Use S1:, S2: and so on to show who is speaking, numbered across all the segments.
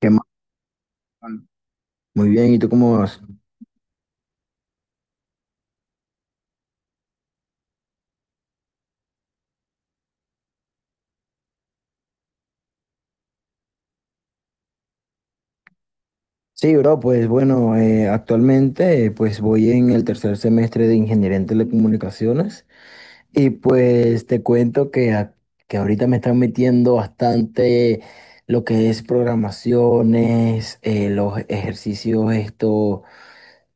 S1: ¿Qué más, Juan? Muy bien, ¿y tú cómo vas? Sí, bro, pues bueno, actualmente pues voy en el 3er semestre de Ingeniería en Telecomunicaciones y pues te cuento que, que ahorita me están metiendo bastante lo que es programaciones, los ejercicios, esto,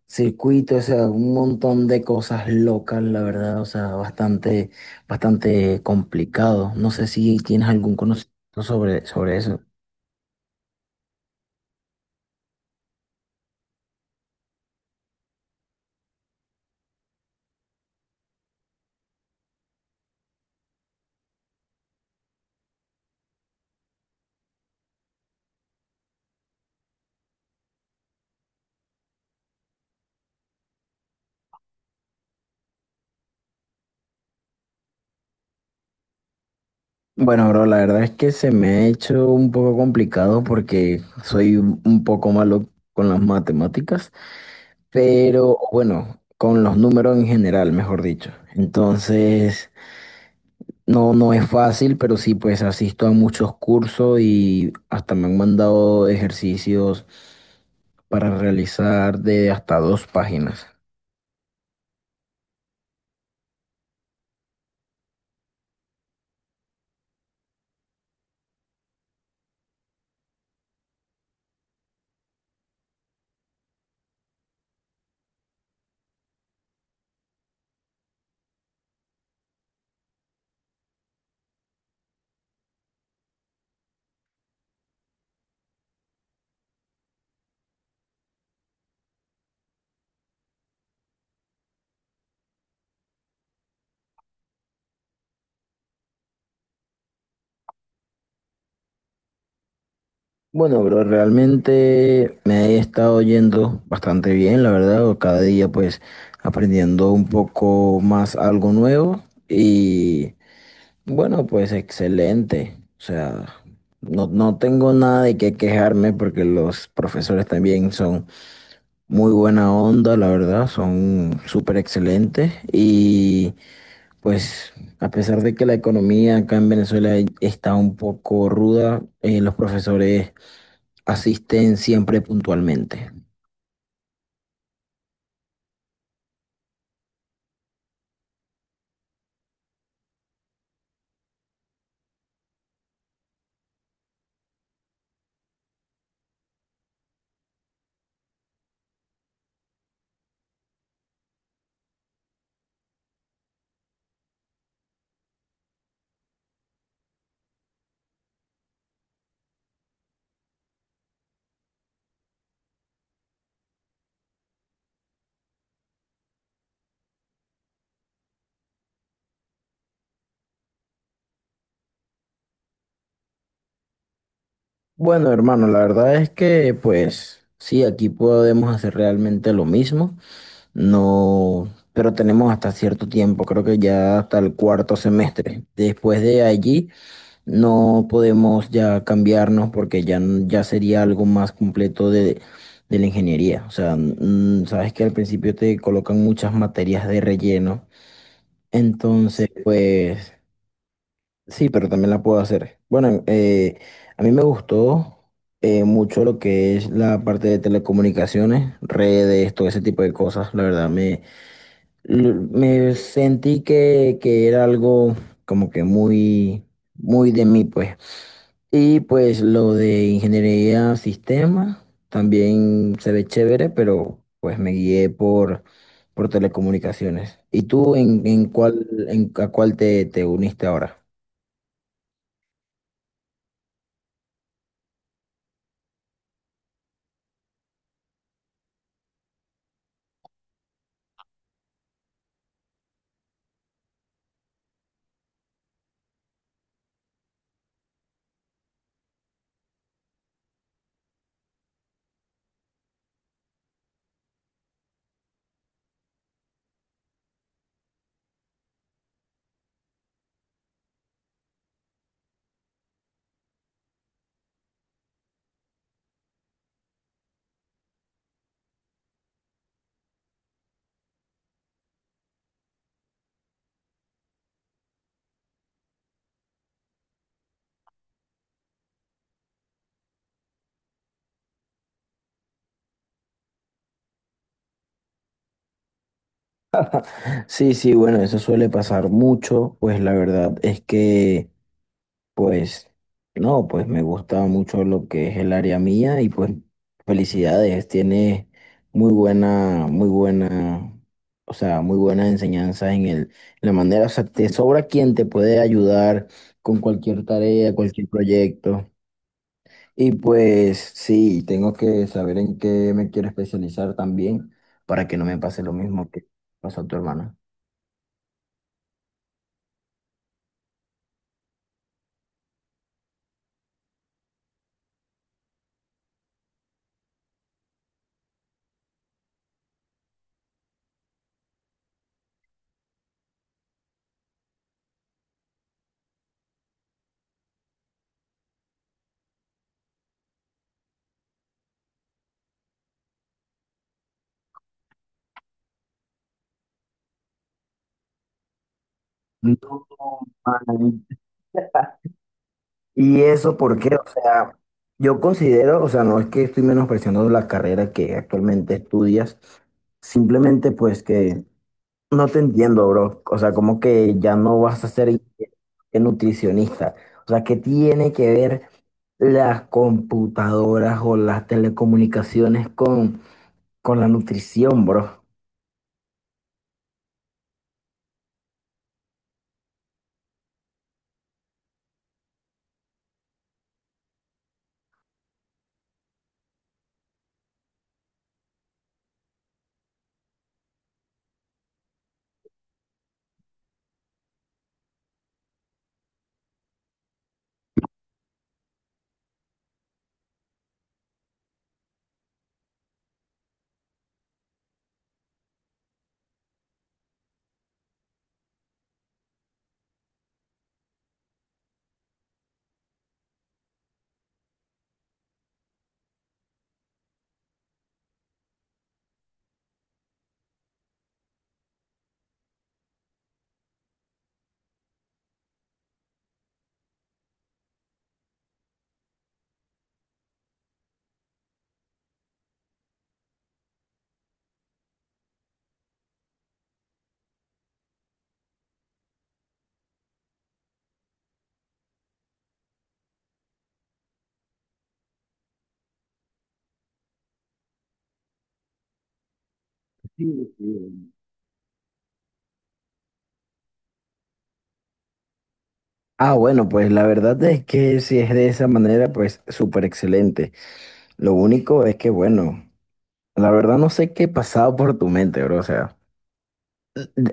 S1: circuitos, o sea, un montón de cosas locas, la verdad, o sea, bastante, bastante complicado. No sé si tienes algún conocimiento sobre, sobre eso. Bueno, bro, la verdad es que se me ha hecho un poco complicado porque soy un poco malo con las matemáticas, pero bueno, con los números en general, mejor dicho. Entonces, no, no es fácil, pero sí, pues asisto a muchos cursos y hasta me han mandado ejercicios para realizar de hasta 2 páginas. Bueno, bro, realmente me he estado yendo bastante bien, la verdad, cada día pues aprendiendo un poco más algo nuevo y bueno, pues excelente. O sea, no, no tengo nada de qué quejarme porque los profesores también son muy buena onda, la verdad, son súper excelentes y pues a pesar de que la economía acá en Venezuela está un poco ruda, los profesores asisten siempre puntualmente. Bueno, hermano, la verdad es que, pues, sí, aquí podemos hacer realmente lo mismo, no, pero tenemos hasta cierto tiempo, creo que ya hasta el 4to semestre. Después de allí, no podemos ya cambiarnos porque ya, ya sería algo más completo de la ingeniería. O sea, sabes que al principio te colocan muchas materias de relleno, entonces, pues... Sí, pero también la puedo hacer. Bueno, a mí me gustó mucho lo que es la parte de telecomunicaciones, redes, todo ese tipo de cosas. La verdad, me, me sentí que era algo como que muy, muy de mí, pues. Y pues lo de ingeniería sistema también se ve chévere, pero pues me guié por telecomunicaciones. ¿Y tú en cuál, en, a cuál te, te uniste ahora? Sí, sí, bueno, eso suele pasar mucho, pues la verdad es que, pues, no, pues me gusta mucho lo que es el área mía y pues felicidades, tiene muy buena, o sea, muy buena enseñanza en el, en la manera, o sea, te sobra quien te puede ayudar con cualquier tarea, cualquier proyecto. Y pues sí, tengo que saber en qué me quiero especializar también para que no me pase lo mismo que pasó a tu hermana. No, man. ¿Y eso por qué? O sea, yo considero, o sea, no es que estoy menospreciando la carrera que actualmente estudias, simplemente pues que no te entiendo, bro. O sea, como que ya no vas a ser ingeniero, nutricionista. O sea, ¿qué tiene que ver las computadoras o las telecomunicaciones con la nutrición, bro? Sí, sí. Ah, bueno, pues la verdad es que si es de esa manera, pues súper excelente. Lo único es que, bueno, la verdad no sé qué pasaba por tu mente, bro.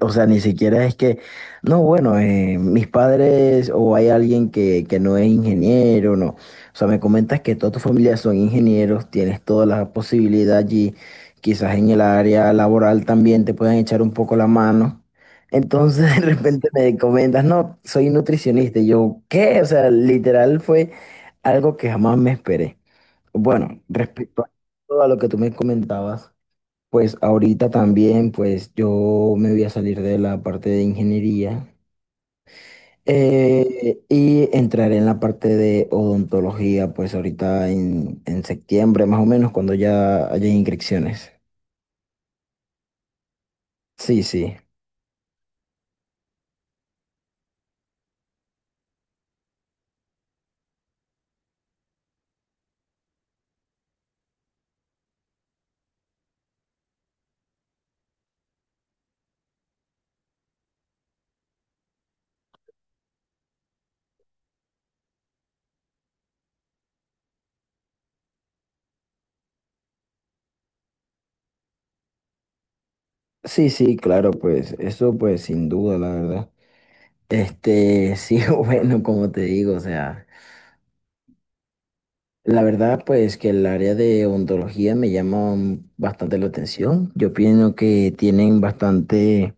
S1: O sea, ni siquiera es que, no, bueno, mis padres o hay alguien que no es ingeniero, no. O sea, me comentas que toda tu familia son ingenieros, tienes toda la posibilidad allí, quizás en el área laboral también te puedan echar un poco la mano. Entonces de repente me comentas, no, soy nutricionista. Y yo, ¿qué? O sea, literal fue algo que jamás me esperé. Bueno, respecto a todo a lo que tú me comentabas, pues ahorita también, pues yo me voy a salir de la parte de ingeniería y entraré en la parte de odontología, pues ahorita en septiembre, más o menos, cuando ya haya inscripciones. Sí, sí, sí, sí, claro, pues eso pues sin duda, la verdad. Este, sí, bueno, como te digo, o sea. La verdad, pues que el área de odontología me llama bastante la atención. Yo pienso que tienen bastante,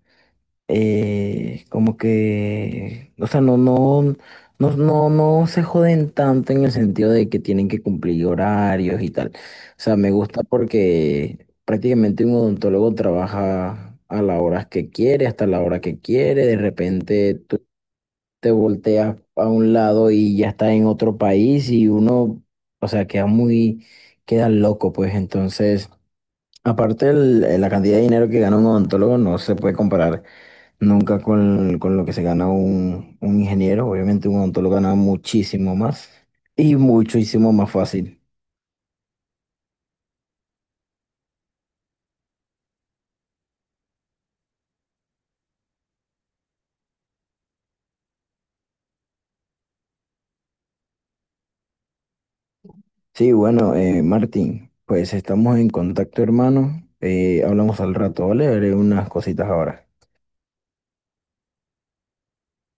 S1: como que, o sea, no, no, no, no, no se joden tanto en el sentido de que tienen que cumplir horarios y tal. O sea, me gusta porque prácticamente un odontólogo trabaja a las horas que quiere, hasta la hora que quiere. De repente te volteas a un lado y ya estás en otro país y uno, o sea, queda muy, queda loco, pues entonces, aparte la cantidad de dinero que gana un odontólogo no se puede comparar nunca con, con lo que se gana un ingeniero, obviamente un odontólogo gana muchísimo más y muchísimo más fácil. Sí, bueno, Martín, pues estamos en contacto, hermano. Hablamos al rato, ¿vale? Haré unas cositas ahora.